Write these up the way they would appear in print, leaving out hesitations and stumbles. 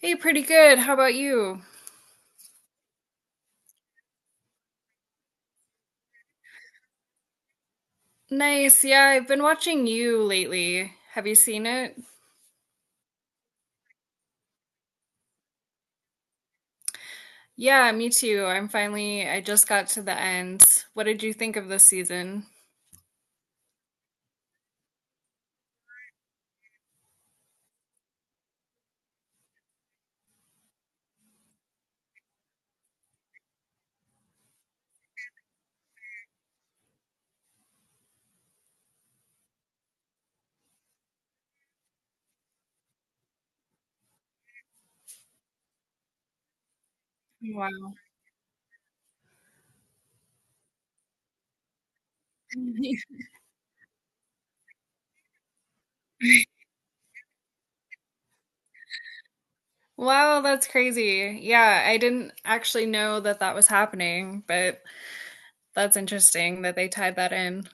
Hey, pretty good. How about you? Nice. Yeah, I've been watching You lately. Have you seen it? Yeah, me too. I'm finally, I just got to the end. What did you think of this season? Wow. Wow, that's crazy. Yeah, I didn't actually know that that was happening, but that's interesting that they tied that in.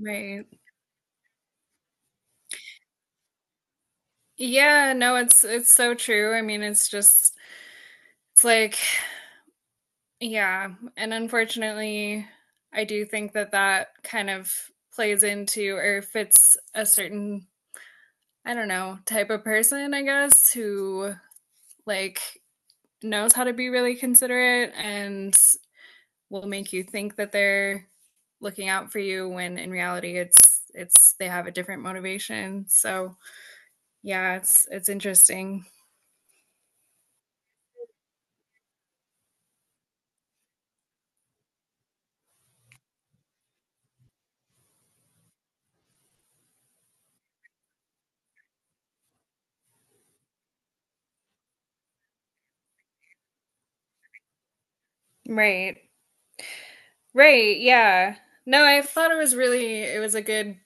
Right. Yeah, no, it's so true. I mean, it's just it's like. Yeah, and unfortunately, I do think that that kind of plays into or fits a certain, I don't know, type of person, I guess, who like knows how to be really considerate and will make you think that they're looking out for you when in reality it's they have a different motivation. So, yeah, it's interesting. Right. Right, yeah. No, I thought it was really it was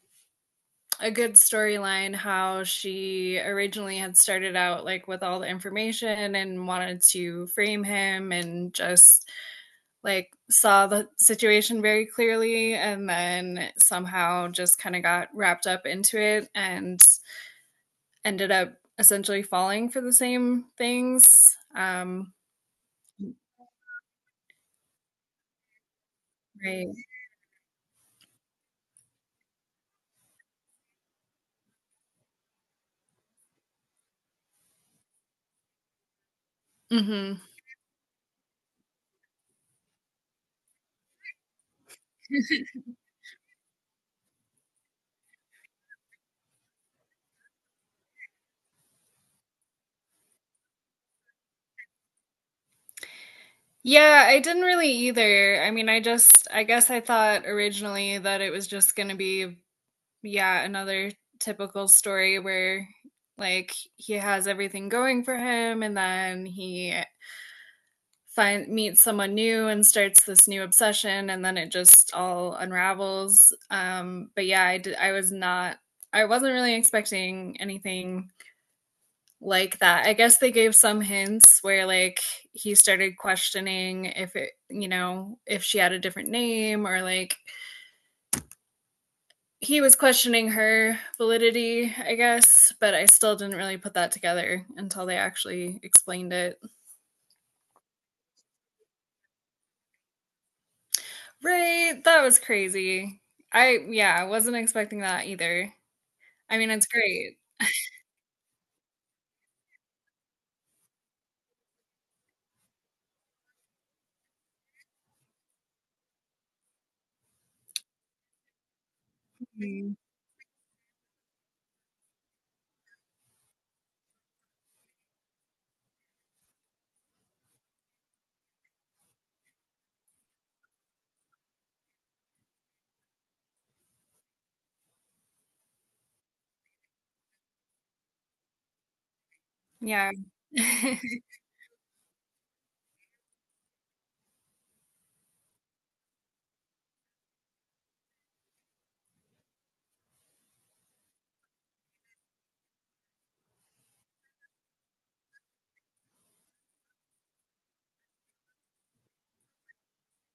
a good storyline how she originally had started out like with all the information and wanted to frame him and just like saw the situation very clearly and then somehow just kind of got wrapped up into it and ended up essentially falling for the same things. Right. Hmm. Yeah, I didn't really either. I mean, I guess I thought originally that it was just going to be yeah, another typical story where like he has everything going for him and then he find meets someone new and starts this new obsession and then it just all unravels. But yeah, I did, I was not I wasn't really expecting anything like that. I guess they gave some hints where like he started questioning if it, you know, if she had a different name or like he was questioning her validity, I guess, but I still didn't really put that together until they actually explained it. Right, that was crazy. I yeah, I wasn't expecting that either. I mean, it's great. Mhm. Yeah.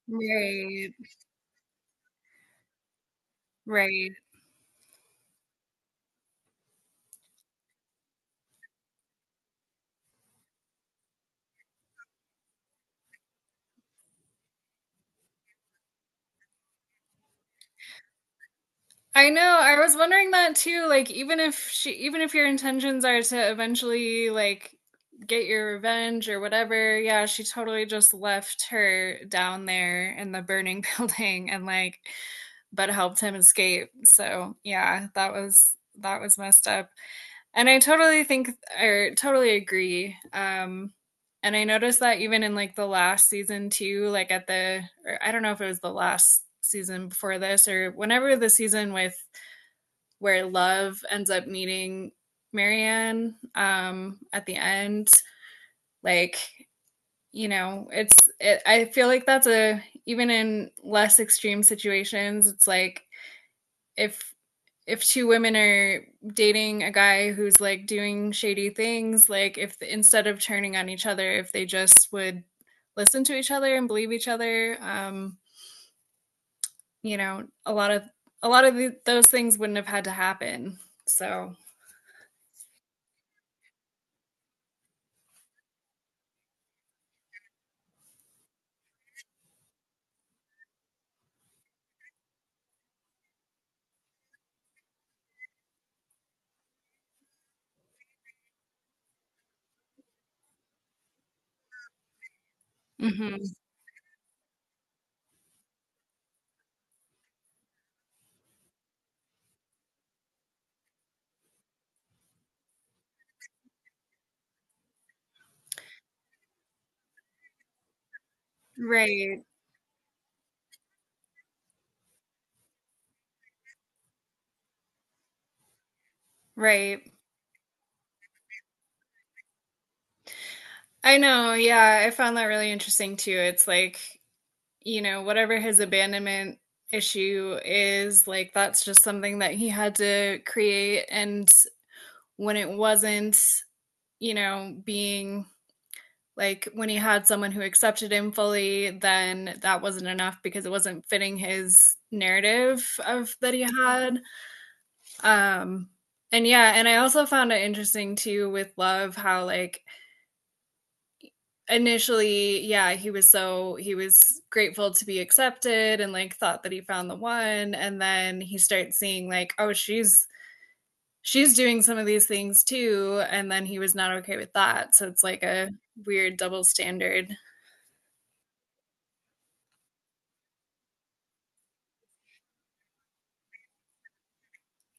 Right, right. I know. I was wondering that too. Like, even if your intentions are to eventually like get your revenge or whatever, yeah, she totally just left her down there in the burning building and like but helped him escape. So yeah, that was messed up. And I totally think I totally agree. And I noticed that even in like the last season too, like at the or I don't know if it was the last season before this or whenever the season with where love ends up meeting Marianne at the end, like you know, it's it, I feel like that's a even in less extreme situations, it's like if if two women are dating a guy who's like doing shady things, like if instead of turning on each other, if they just would listen to each other and believe each other, you know, a lot of those things wouldn't have had to happen. So, mhm. Right, right. I know. Yeah, I found that really interesting too. It's like, you know, whatever his abandonment issue is, like that's just something that he had to create and when it wasn't, you know, being like when he had someone who accepted him fully, then that wasn't enough because it wasn't fitting his narrative of that he had. Um and yeah, and I also found it interesting too with love how like initially, yeah, he was so he was grateful to be accepted and like thought that he found the one and then he starts seeing like oh, she's doing some of these things too, and then he was not okay with that. So it's like a weird double standard.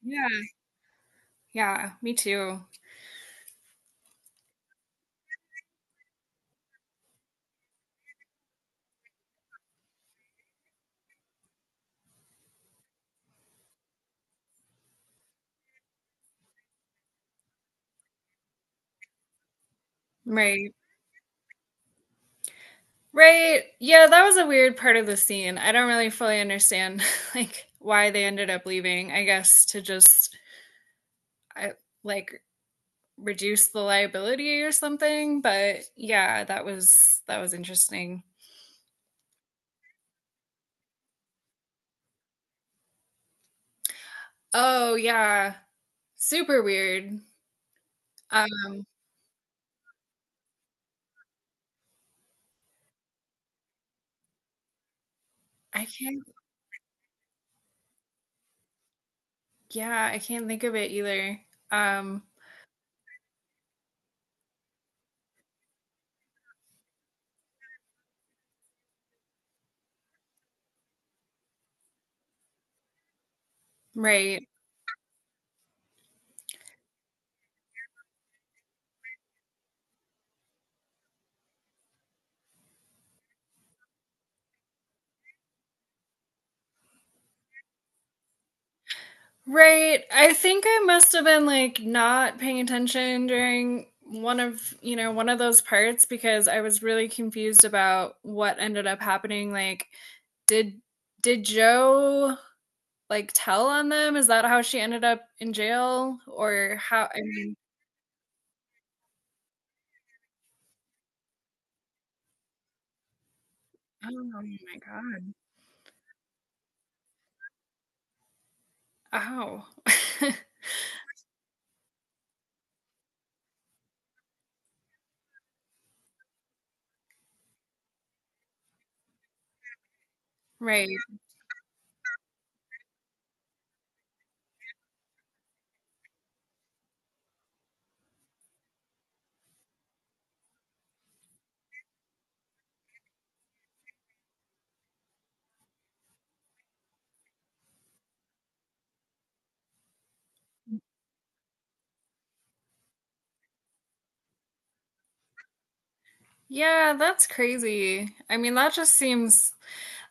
Yeah, yeah, me too. Right. Right. Yeah, that was a weird part of the scene. I don't really fully understand like why they ended up leaving. I guess to just I, like reduce the liability or something, but yeah, that was interesting. Oh, yeah. Super weird. Um I can't. Yeah, I can't think of it either. Um. Right. Right. I think I must have been like not paying attention during one of, you know, one of those parts because I was really confused about what ended up happening. Like, did did Joe like tell on them? Is that how she ended up in jail? Or how I mean, oh my God. Ow. Right. Yeah, that's crazy. I mean, that just seems.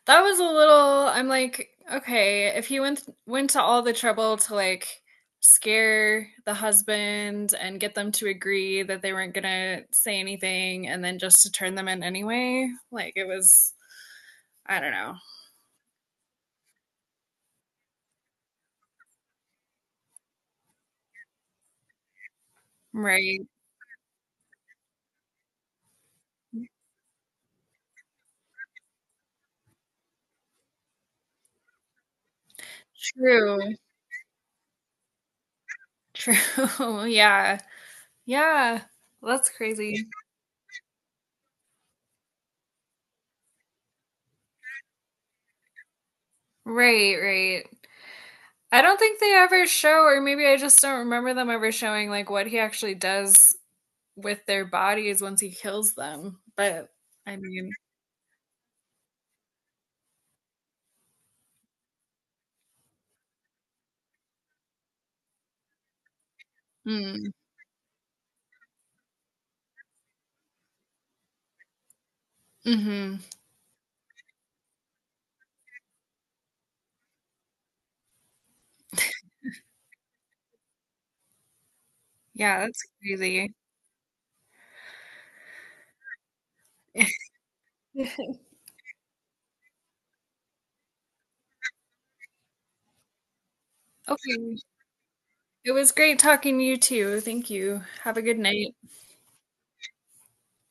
That was a little I'm like, okay, if he went to all the trouble to like scare the husband and get them to agree that they weren't gonna say anything and then just to turn them in anyway, like it was I don't know. Right. True. True. Yeah. Yeah. That's crazy. Right, right. I don't think they ever show, or maybe I just don't remember them ever showing like what he actually does with their bodies once he kills them. But I mean, mm, hmm. Yeah, that's crazy. Okay, it was great talking to you too. Thank you. Have a good night.